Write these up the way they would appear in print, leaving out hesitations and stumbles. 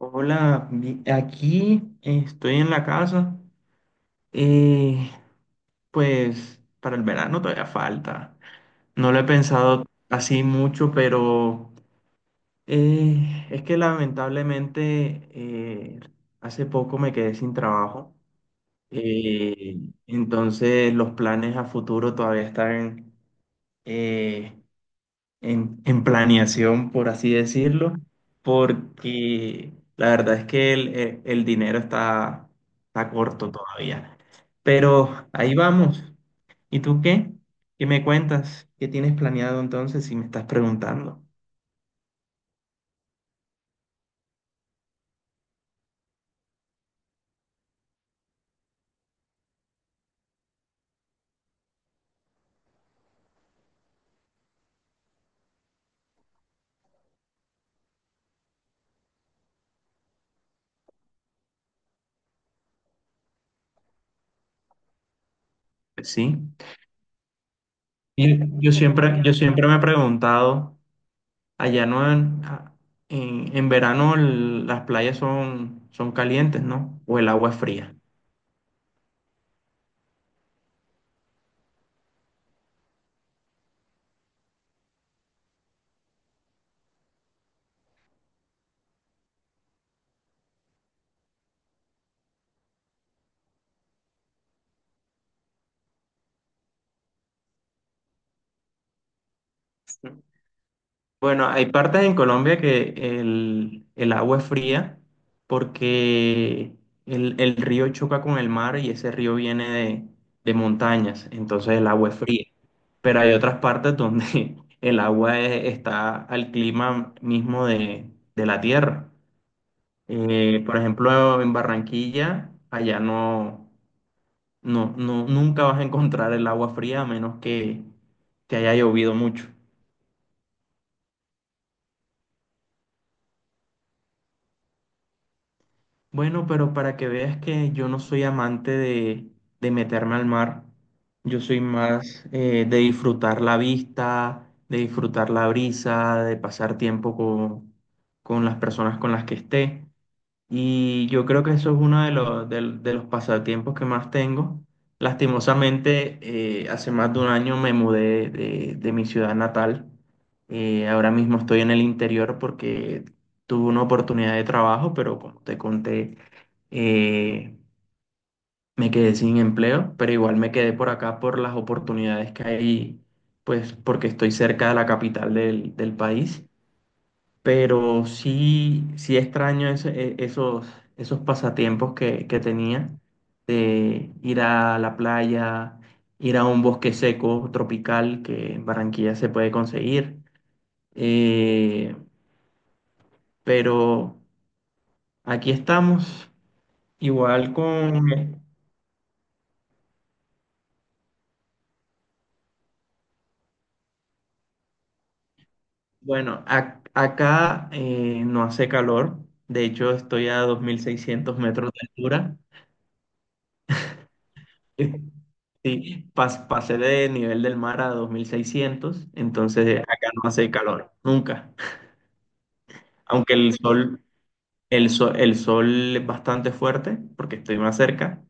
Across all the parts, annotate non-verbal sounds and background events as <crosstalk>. Hola, aquí estoy en la casa. eh, pues para el verano todavía falta. No lo he pensado así mucho, pero es que lamentablemente, hace poco me quedé sin trabajo. eh, entonces los planes a futuro todavía están, eh, en planeación, por así decirlo, porque la verdad es que el dinero está, está corto todavía. Pero ahí vamos. ¿Y tú qué? ¿Qué me cuentas? ¿Qué tienes planeado entonces si me estás preguntando? Pues sí. Y yo siempre me he preguntado, allá no en, a- en, en verano las playas son, ¿son calientes, no? ¿O el agua es fría? Bueno, hay partes en Colombia que el agua es fría porque el río choca con el mar y ese río viene de montañas, entonces el agua es fría. Pero hay otras partes donde <laughs> el está al clima mismo de la tierra. Por ejemplo, en Barranquilla, allá no, nunca vas a encontrar el agua fría a menos que haya llovido mucho. Bueno, pero para que veas que yo no soy amante de meterme al mar, yo soy más de disfrutar la vista, de disfrutar la brisa, de pasar tiempo con las personas con las que esté. Y yo creo que eso es uno de de los pasatiempos que más tengo. Lastimosamente, hace más de un año me mudé de mi ciudad natal. Ahora mismo estoy en el interior porque tuve una oportunidad de trabajo, pero como te conté, eh, me quedé sin empleo, pero igual me quedé por acá por las oportunidades que hay, pues porque estoy cerca de la capital del país. Pero sí, sí extraño esos pasatiempos que tenía de ir a la playa, ir a un bosque seco tropical que en Barranquilla se puede conseguir. Eh, pero aquí estamos, igual con, bueno, acá, no hace calor, de hecho estoy a 2.600 metros de altura. <laughs> Sí, pasé del nivel del mar a 2.600, entonces acá no hace calor, nunca. Aunque el sol, el sol es bastante fuerte porque estoy más cerca,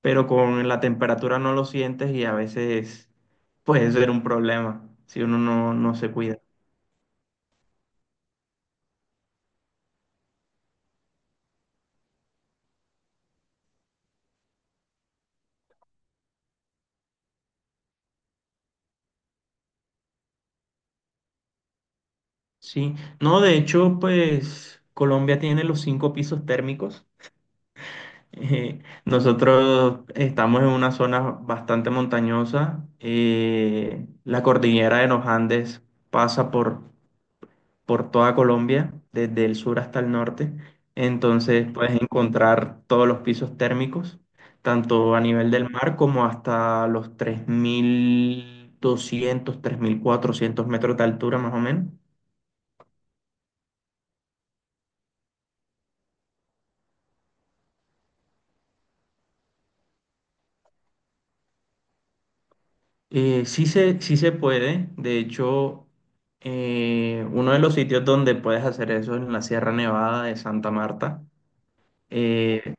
pero con la temperatura no lo sientes y a veces puede ser un problema si uno no, no se cuida. Sí, no, de hecho, pues Colombia tiene los cinco pisos térmicos. Nosotros estamos en una zona bastante montañosa. Eh, la cordillera de los Andes pasa por toda Colombia, desde el sur hasta el norte. Entonces puedes encontrar todos los pisos térmicos, tanto a nivel del mar como hasta los 3.200, 3.400 metros de altura, más o menos. Sí se puede. De hecho, uno de los sitios donde puedes hacer eso es en la Sierra Nevada de Santa Marta. Eh,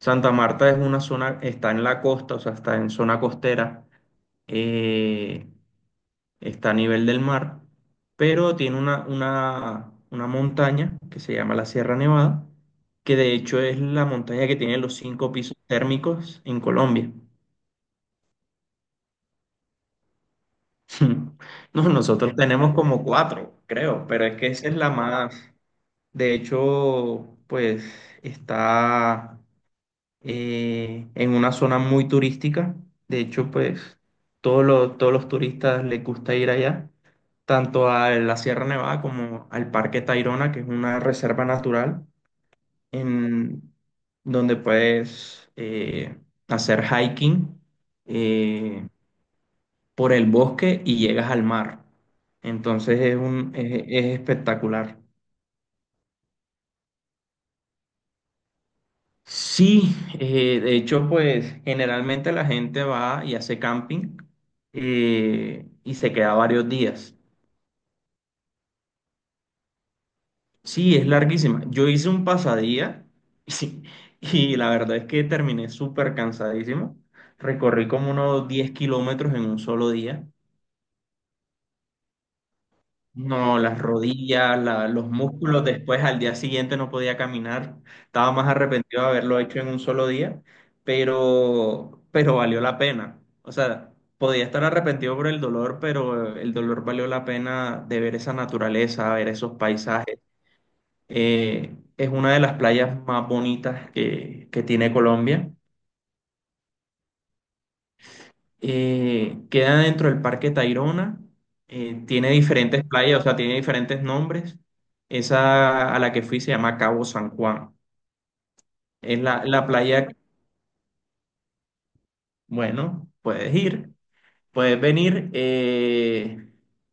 Santa Marta es una zona, está en la costa, o sea, está en zona costera, eh, está a nivel del mar, pero tiene una montaña que se llama la Sierra Nevada, que de hecho es la montaña que tiene los cinco pisos térmicos en Colombia. <laughs> No, nosotros tenemos como cuatro, creo, pero es que esa es la más. De hecho, pues está, en una zona muy turística. De hecho, pues todos los turistas les gusta ir allá, tanto a la Sierra Nevada como al Parque Tayrona, que es una reserva natural en donde puedes, hacer hiking. Eh, por el bosque y llegas al mar. Entonces es espectacular. Sí, de hecho, pues generalmente la gente va y hace camping, y se queda varios días. Sí, es larguísima. Yo hice un pasadía <laughs> y, y la verdad es que terminé súper cansadísimo. Recorrí como unos 10 kilómetros en un solo día. No, las rodillas, los músculos, después al día siguiente no podía caminar, estaba más arrepentido de haberlo hecho en un solo día, pero valió la pena. O sea, podía estar arrepentido por el dolor, pero el dolor valió la pena de ver esa naturaleza, ver esos paisajes. Es una de las playas más bonitas que tiene Colombia. Queda dentro del Parque Tayrona, tiene diferentes playas, o sea, tiene diferentes nombres. Esa a la que fui se llama Cabo San Juan. Es la playa, bueno, puedes ir, puedes venir,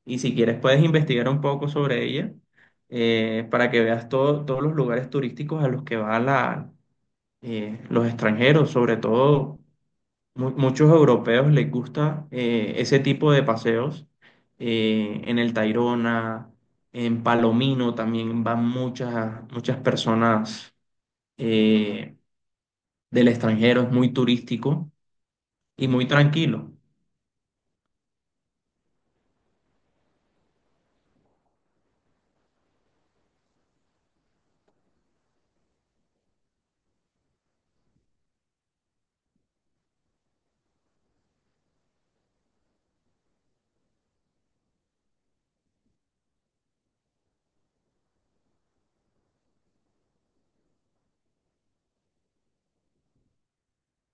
y si quieres puedes investigar un poco sobre ella, para que veas todos los lugares turísticos a los que van la, los extranjeros, sobre todo muchos europeos les gusta, ese tipo de paseos. Eh, en el Tayrona, en Palomino también van muchas personas, eh, del extranjero. Es muy turístico y muy tranquilo.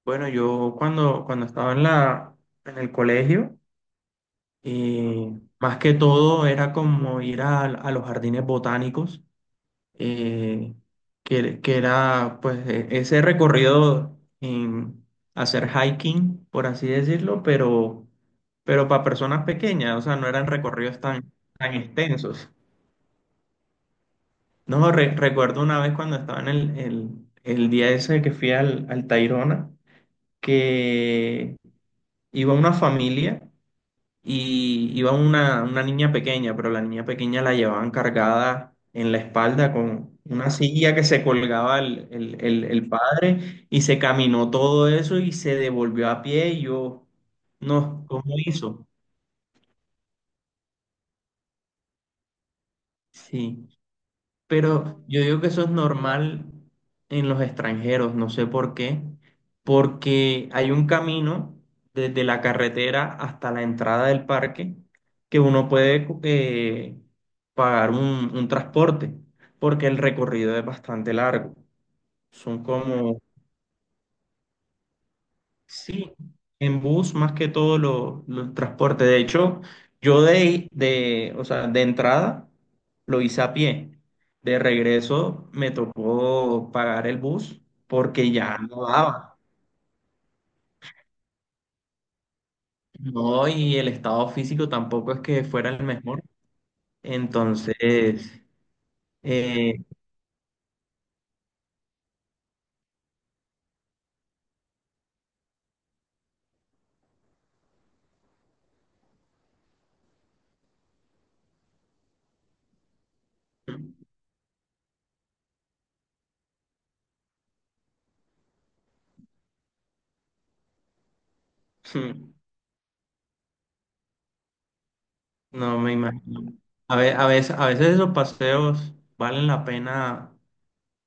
Bueno, yo cuando estaba en en el colegio, más que todo era como ir a los jardines botánicos, eh, que era pues ese recorrido en hacer hiking, por así decirlo, pero para personas pequeñas, o sea, no eran recorridos tan, tan extensos. No, recuerdo una vez cuando estaba en el día ese que fui al, al Tayrona, que iba una familia y iba una niña pequeña, pero la niña pequeña la llevaban cargada en la espalda con una silla que se colgaba el padre y se caminó todo eso y se devolvió a pie y yo, no, ¿cómo hizo? Sí. Pero yo digo que eso es normal en los extranjeros, no sé por qué, porque hay un camino desde la carretera hasta la entrada del parque que uno puede, pagar un transporte, porque el recorrido es bastante largo. Son como sí, en bus más que todo los transportes. De hecho, yo o sea, de entrada lo hice a pie. De regreso me tocó pagar el bus porque ya no daba. No, y el estado físico tampoco es que fuera el mejor. Entonces, eh, <laughs> Hmm, no me imagino. A veces, a veces esos paseos valen la pena,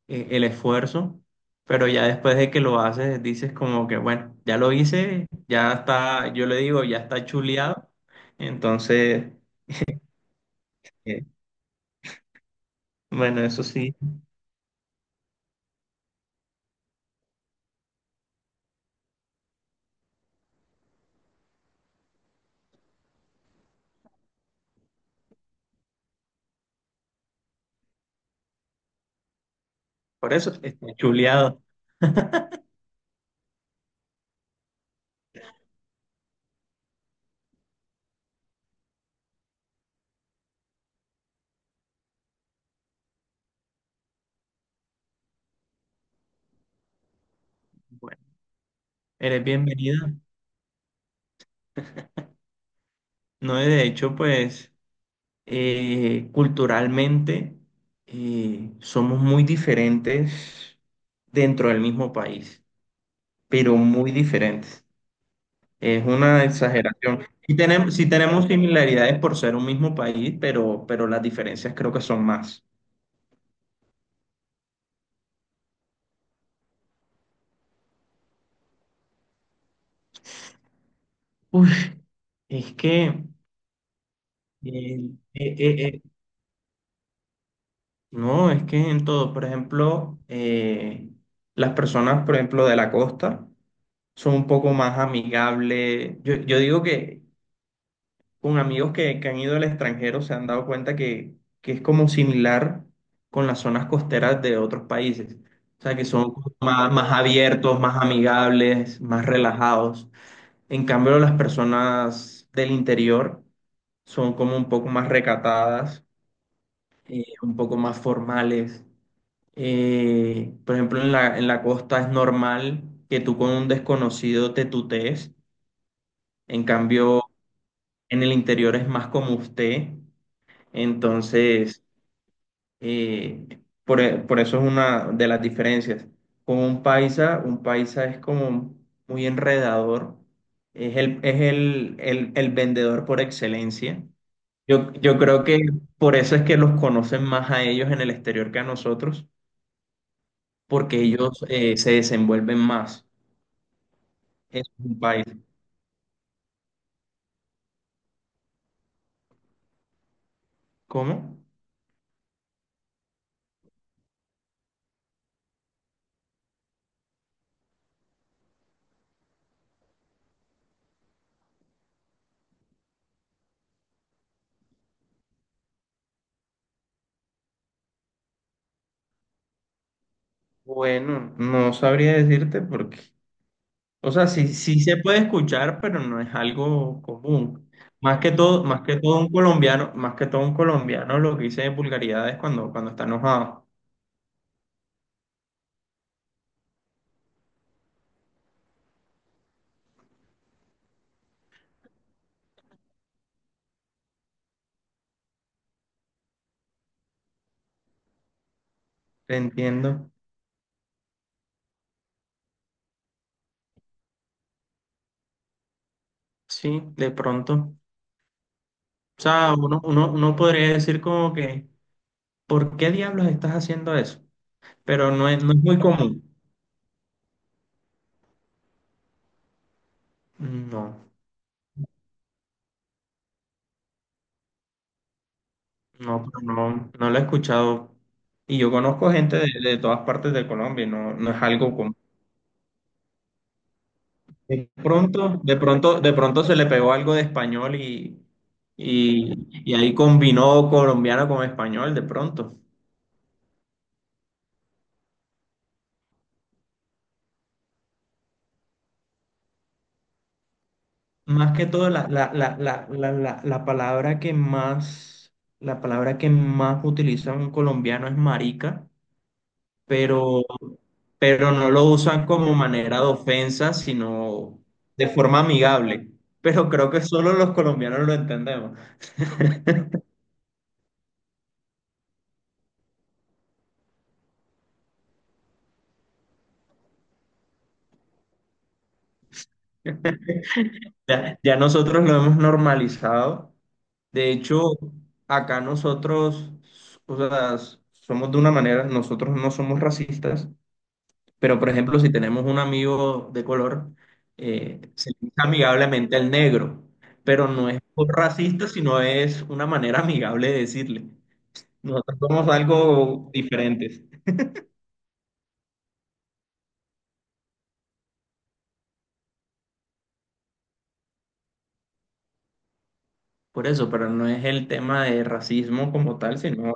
el esfuerzo, pero ya después de que lo haces, dices como que, bueno, ya lo hice, ya está, yo le digo, ya está chuleado. Entonces, eh, bueno, eso sí, por eso está chuleado. Bueno, eres bienvenida. No, de hecho, pues, culturalmente, somos muy diferentes dentro del mismo país, pero muy diferentes. Es una exageración. Y tenemos, sí tenemos similaridades por ser un mismo país, pero las diferencias creo que son más. Uy, es que, eh, eh, eh, eh, no, es que en todo, por ejemplo, las personas, por ejemplo, de la costa son un poco más amigables. Yo digo que con amigos que han ido al extranjero se han dado cuenta que es como similar con las zonas costeras de otros países. O sea, que son como más, más abiertos, más amigables, más relajados. En cambio, las personas del interior son como un poco más recatadas, un poco más formales. Por ejemplo, en en la costa es normal que tú con un desconocido te tutees. En cambio, en el interior es más como usted. Entonces, por eso es una de las diferencias. Con un paisa es como muy enredador, es el vendedor por excelencia. Yo creo que por eso es que los conocen más a ellos en el exterior que a nosotros, porque ellos, se desenvuelven más. Es un país. ¿Cómo? Bueno, no sabría decirte porque, o sea, sí, sí se puede escuchar, pero no es algo común. Más que todo un colombiano, más que todo un colombiano lo que dice vulgaridades cuando, cuando está enojado. Te entiendo. Sí, de pronto. O sea, uno podría decir como que, ¿por qué diablos estás haciendo eso? Pero no es, no es muy común. No, no, pero no, no lo he escuchado. Y yo conozco gente de todas partes de Colombia y no, no es algo común. De pronto se le pegó algo de español y, y, y ahí combinó colombiano con español, de pronto. Más que todo, la palabra que más, la palabra que más utiliza un colombiano es marica, pero, pero no lo usan como manera de ofensa, sino de forma amigable. Pero creo que solo los colombianos lo entendemos. Ya nosotros lo hemos normalizado. De hecho, acá nosotros, o sea, somos de una manera, nosotros no somos racistas, pero por ejemplo, si tenemos un amigo de color, se le dice amigablemente al negro, pero no es por racista, sino es una manera amigable de decirle. Nosotros somos algo diferentes. Por eso, pero no es el tema de racismo como tal, sino...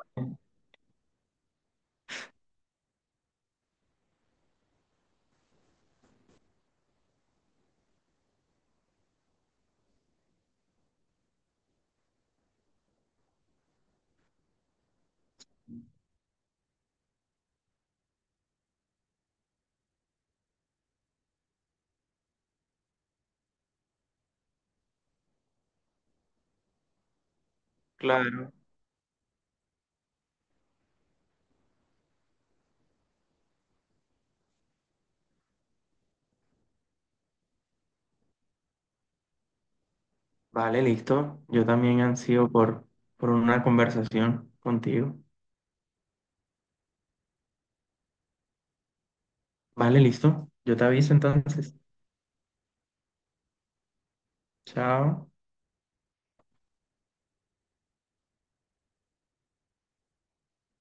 Claro, vale, listo. Yo también ansío por una conversación contigo. Vale, listo. Yo te aviso entonces. Chao.